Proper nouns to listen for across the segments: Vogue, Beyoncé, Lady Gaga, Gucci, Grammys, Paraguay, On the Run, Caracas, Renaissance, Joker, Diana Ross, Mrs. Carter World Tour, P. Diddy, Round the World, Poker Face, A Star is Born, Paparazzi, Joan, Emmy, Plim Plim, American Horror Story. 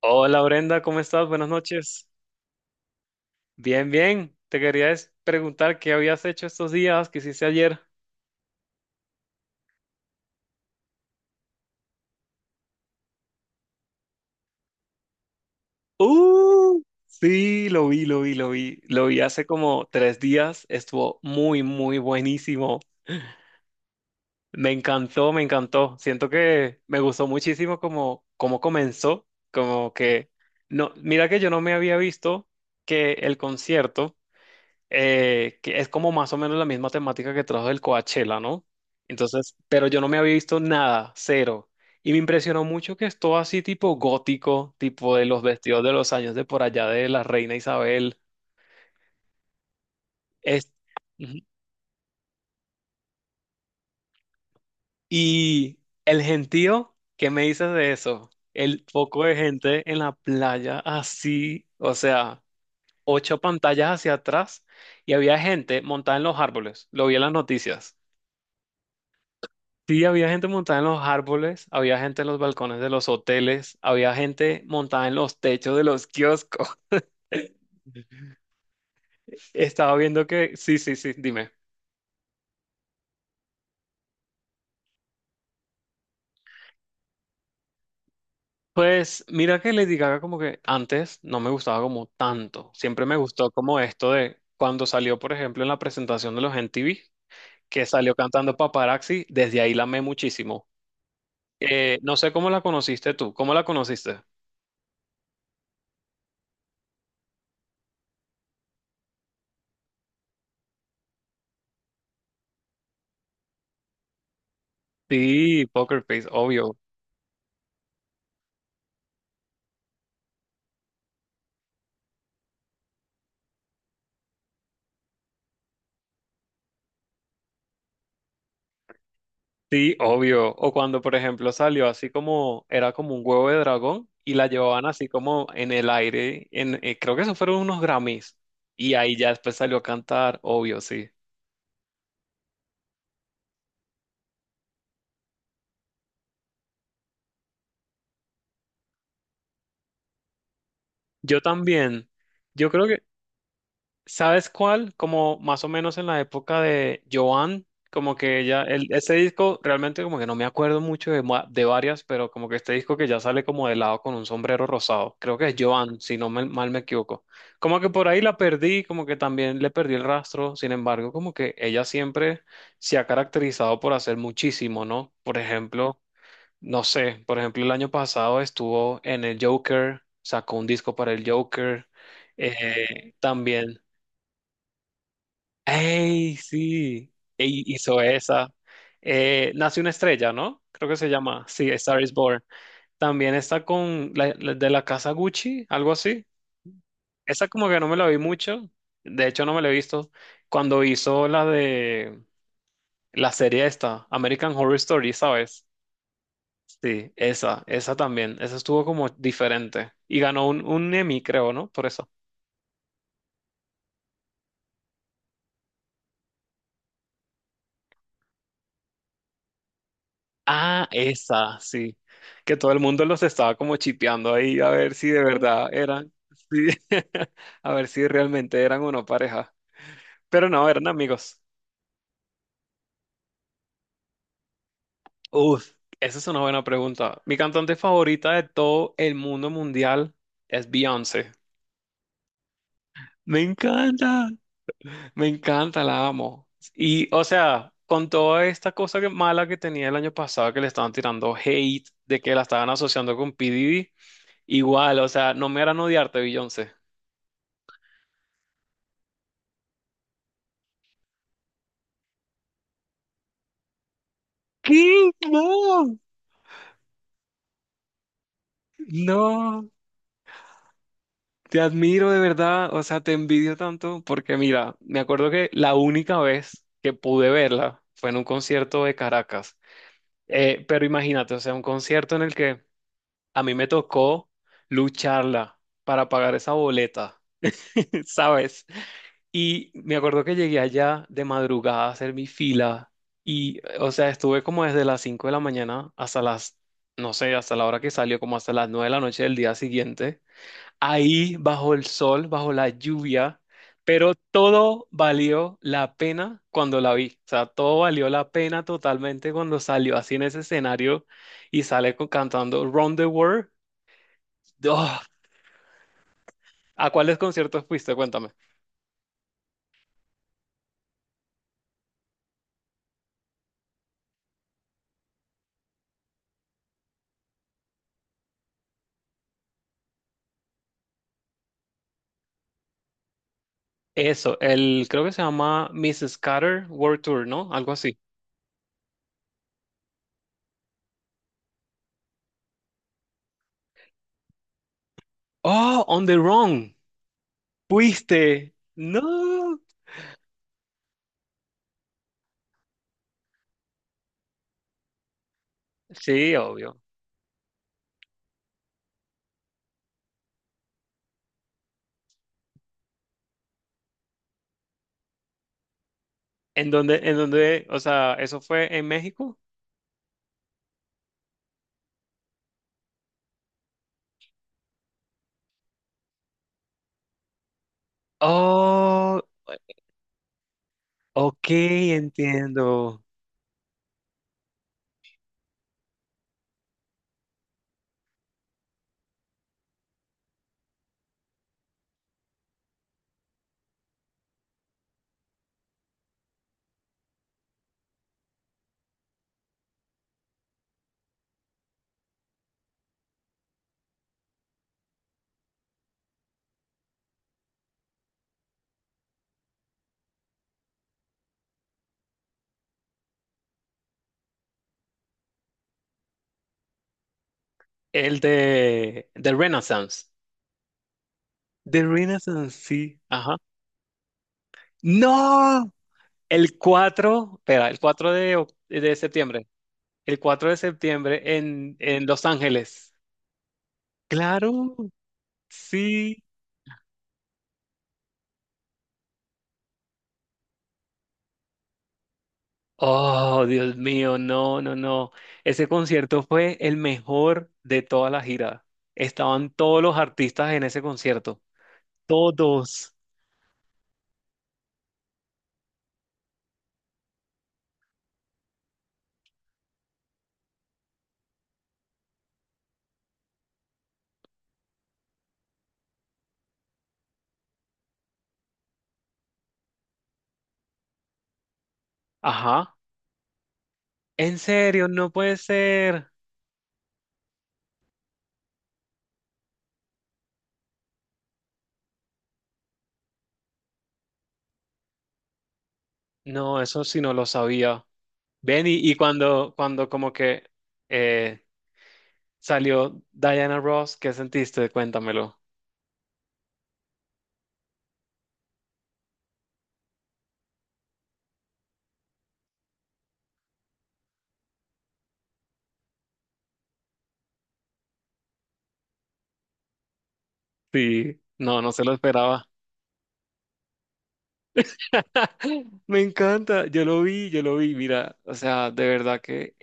Hola Brenda, ¿cómo estás? Buenas noches. Bien, bien. Te quería preguntar qué habías hecho estos días, qué hiciste ayer. Uh, sí, lo vi, lo vi, lo vi. Lo vi hace como tres días. Estuvo muy, muy buenísimo. Me encantó, me encantó. Siento que me gustó muchísimo como, cómo comenzó. Como que, no, mira que yo no me había visto que el concierto. Que es como más o menos la misma temática que trajo del Coachella, ¿no? Entonces, pero yo no me había visto nada, cero. Y me impresionó mucho que es todo así tipo gótico, tipo de los vestidos de los años de por allá de la reina Isabel. Es... Ujú. Y el gentío, ¿qué me dices de eso? El poco de gente en la playa así, o sea, ocho pantallas hacia atrás y había gente montada en los árboles. Lo vi en las noticias. Sí, había gente montada en los árboles, había gente en los balcones de los hoteles, había gente montada en los techos de los kioscos. Estaba viendo que, sí, sí, sí, dime. Pues mira que Lady Gaga como que antes no me gustaba como tanto. Siempre me gustó como esto de cuando salió, por ejemplo, en la presentación de los MTV, que salió cantando Paparazzi, desde ahí la amé muchísimo. No sé cómo la conociste tú, ¿cómo la conociste? Sí, Poker Face, obvio. Sí, obvio. O cuando, por ejemplo, salió así como, era como un huevo de dragón y la llevaban así como en el aire, en, creo que eso fueron unos Grammys. Y ahí ya después salió a cantar, obvio, sí. Yo también, yo creo que ¿sabes cuál? Como más o menos en la época de Joan, como que ella, el, ese disco realmente como que no me acuerdo mucho de, de varias, pero como que este disco que ya sale como de lado con un sombrero rosado, creo que es Joan, si no mal me equivoco. Como que por ahí la perdí, como que también le perdí el rastro, sin embargo, como que ella siempre se ha caracterizado por hacer muchísimo, ¿no? Por ejemplo, no sé, por ejemplo, el año pasado estuvo en el Joker, sacó un disco para el Joker, también. ¡Ey, sí! Ey, hizo esa. Nace una estrella, ¿no? Creo que se llama. Sí, A Star is Born. También está con la, la de la casa Gucci, algo así. Esa como que no me la vi mucho. De hecho, no me la he visto. Cuando hizo la de la serie esta, American Horror Story, ¿sabes? Sí, esa también. Esa estuvo como diferente. Y ganó un Emmy, creo, ¿no? Por eso. Ah, esa, sí. Que todo el mundo los estaba como chipeando ahí a ver si de sí verdad eran, sí, a ver si realmente eran o no pareja. Pero no, eran amigos. Uf, esa es una buena pregunta. Mi cantante favorita de todo el mundo mundial es Beyoncé. Me encanta, me encanta, la amo. Y, o sea, con toda esta cosa mala que tenía el año pasado, que le estaban tirando hate, de que la estaban asociando con P. Diddy, igual, o sea, no me harán odiarte, Beyoncé. ¿Qué? No, no, te admiro de verdad, o sea, te envidio tanto porque mira, me acuerdo que la única vez que pude verla fue en un concierto de Caracas. Pero imagínate, o sea, un concierto en el que a mí me tocó lucharla para pagar esa boleta, ¿sabes? Y me acuerdo que llegué allá de madrugada a hacer mi fila y, o sea, estuve como desde las 5 de la mañana hasta las, no sé, hasta la hora que salió, como hasta las 9 de la noche del día siguiente ahí bajo el sol, bajo la lluvia, pero todo valió la pena cuando la vi. O sea, todo valió la pena totalmente cuando salió así en ese escenario y sale cantando Round the World. ¡Oh! ¿A cuáles conciertos fuiste? Cuéntame. Eso, el creo que se llama Mrs. Carter World Tour, ¿no? Algo así. Oh, On the Run. ¿Fuiste? No. Sí, obvio. En dónde, o sea, eso fue en México? Oh, ok, entiendo. El de Renaissance. De Renaissance, sí. Ajá. ¡No! El 4, espera, el 4 de, de septiembre. El cuatro de septiembre en Los Ángeles. Claro, sí. Oh, Dios mío, no, no, no. Ese concierto fue el mejor de toda la gira. Estaban todos los artistas en ese concierto. Todos. Ajá. En serio, no puede ser. No, eso sí no lo sabía. Ven, y cuando, cuando como que eh, salió Diana Ross, ¿qué sentiste? Cuéntamelo. Sí, no, no se lo esperaba. Me encanta, yo lo vi, mira, o sea, de verdad que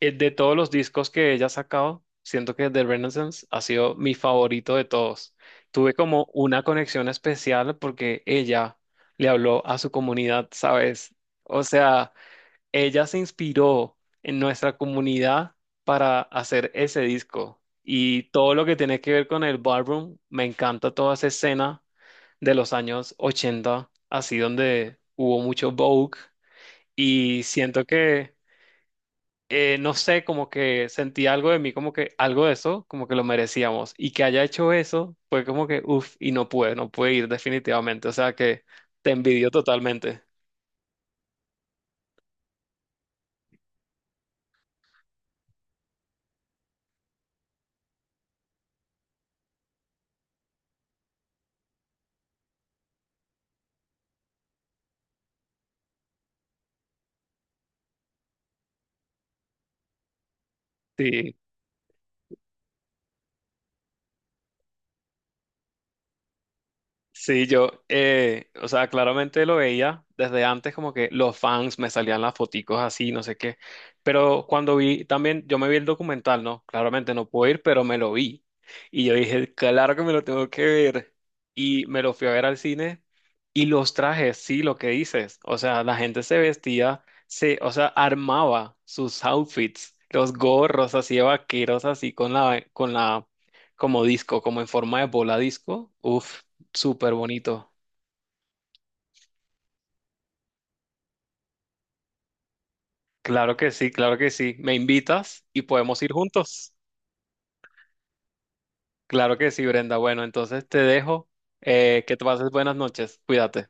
de todos los discos que ella ha sacado, siento que The Renaissance ha sido mi favorito de todos. Tuve como una conexión especial porque ella le habló a su comunidad, ¿sabes? O sea... Ella se inspiró en nuestra comunidad para hacer ese disco. Y todo lo que tiene que ver con el ballroom, me encanta toda esa escena de los años 80 así donde hubo mucho Vogue. Y siento que, no sé, como que sentí algo de mí, como que algo de eso, como que lo merecíamos. Y que haya hecho eso, fue como que, uff, y no pude, no pude ir definitivamente. O sea que te envidio totalmente. Sí, sí, yo, o sea, claramente lo veía desde antes, como que los fans me salían las foticos así, no sé qué. Pero cuando vi, también yo me vi el documental, ¿no? Claramente no puedo ir, pero me lo vi. Y yo dije, claro que me lo tengo que ver. Y me lo fui a ver al cine. Y los trajes, sí, lo que dices. O sea, la gente se vestía, se, o sea, armaba sus outfits, los gorros así de vaqueros, así con la, como disco, como en forma de bola disco. Uf. Súper bonito. Claro que sí, claro que sí. ¿Me invitas y podemos ir juntos? Claro que sí, Brenda. Bueno, entonces te dejo. Que te pases buenas noches. Cuídate.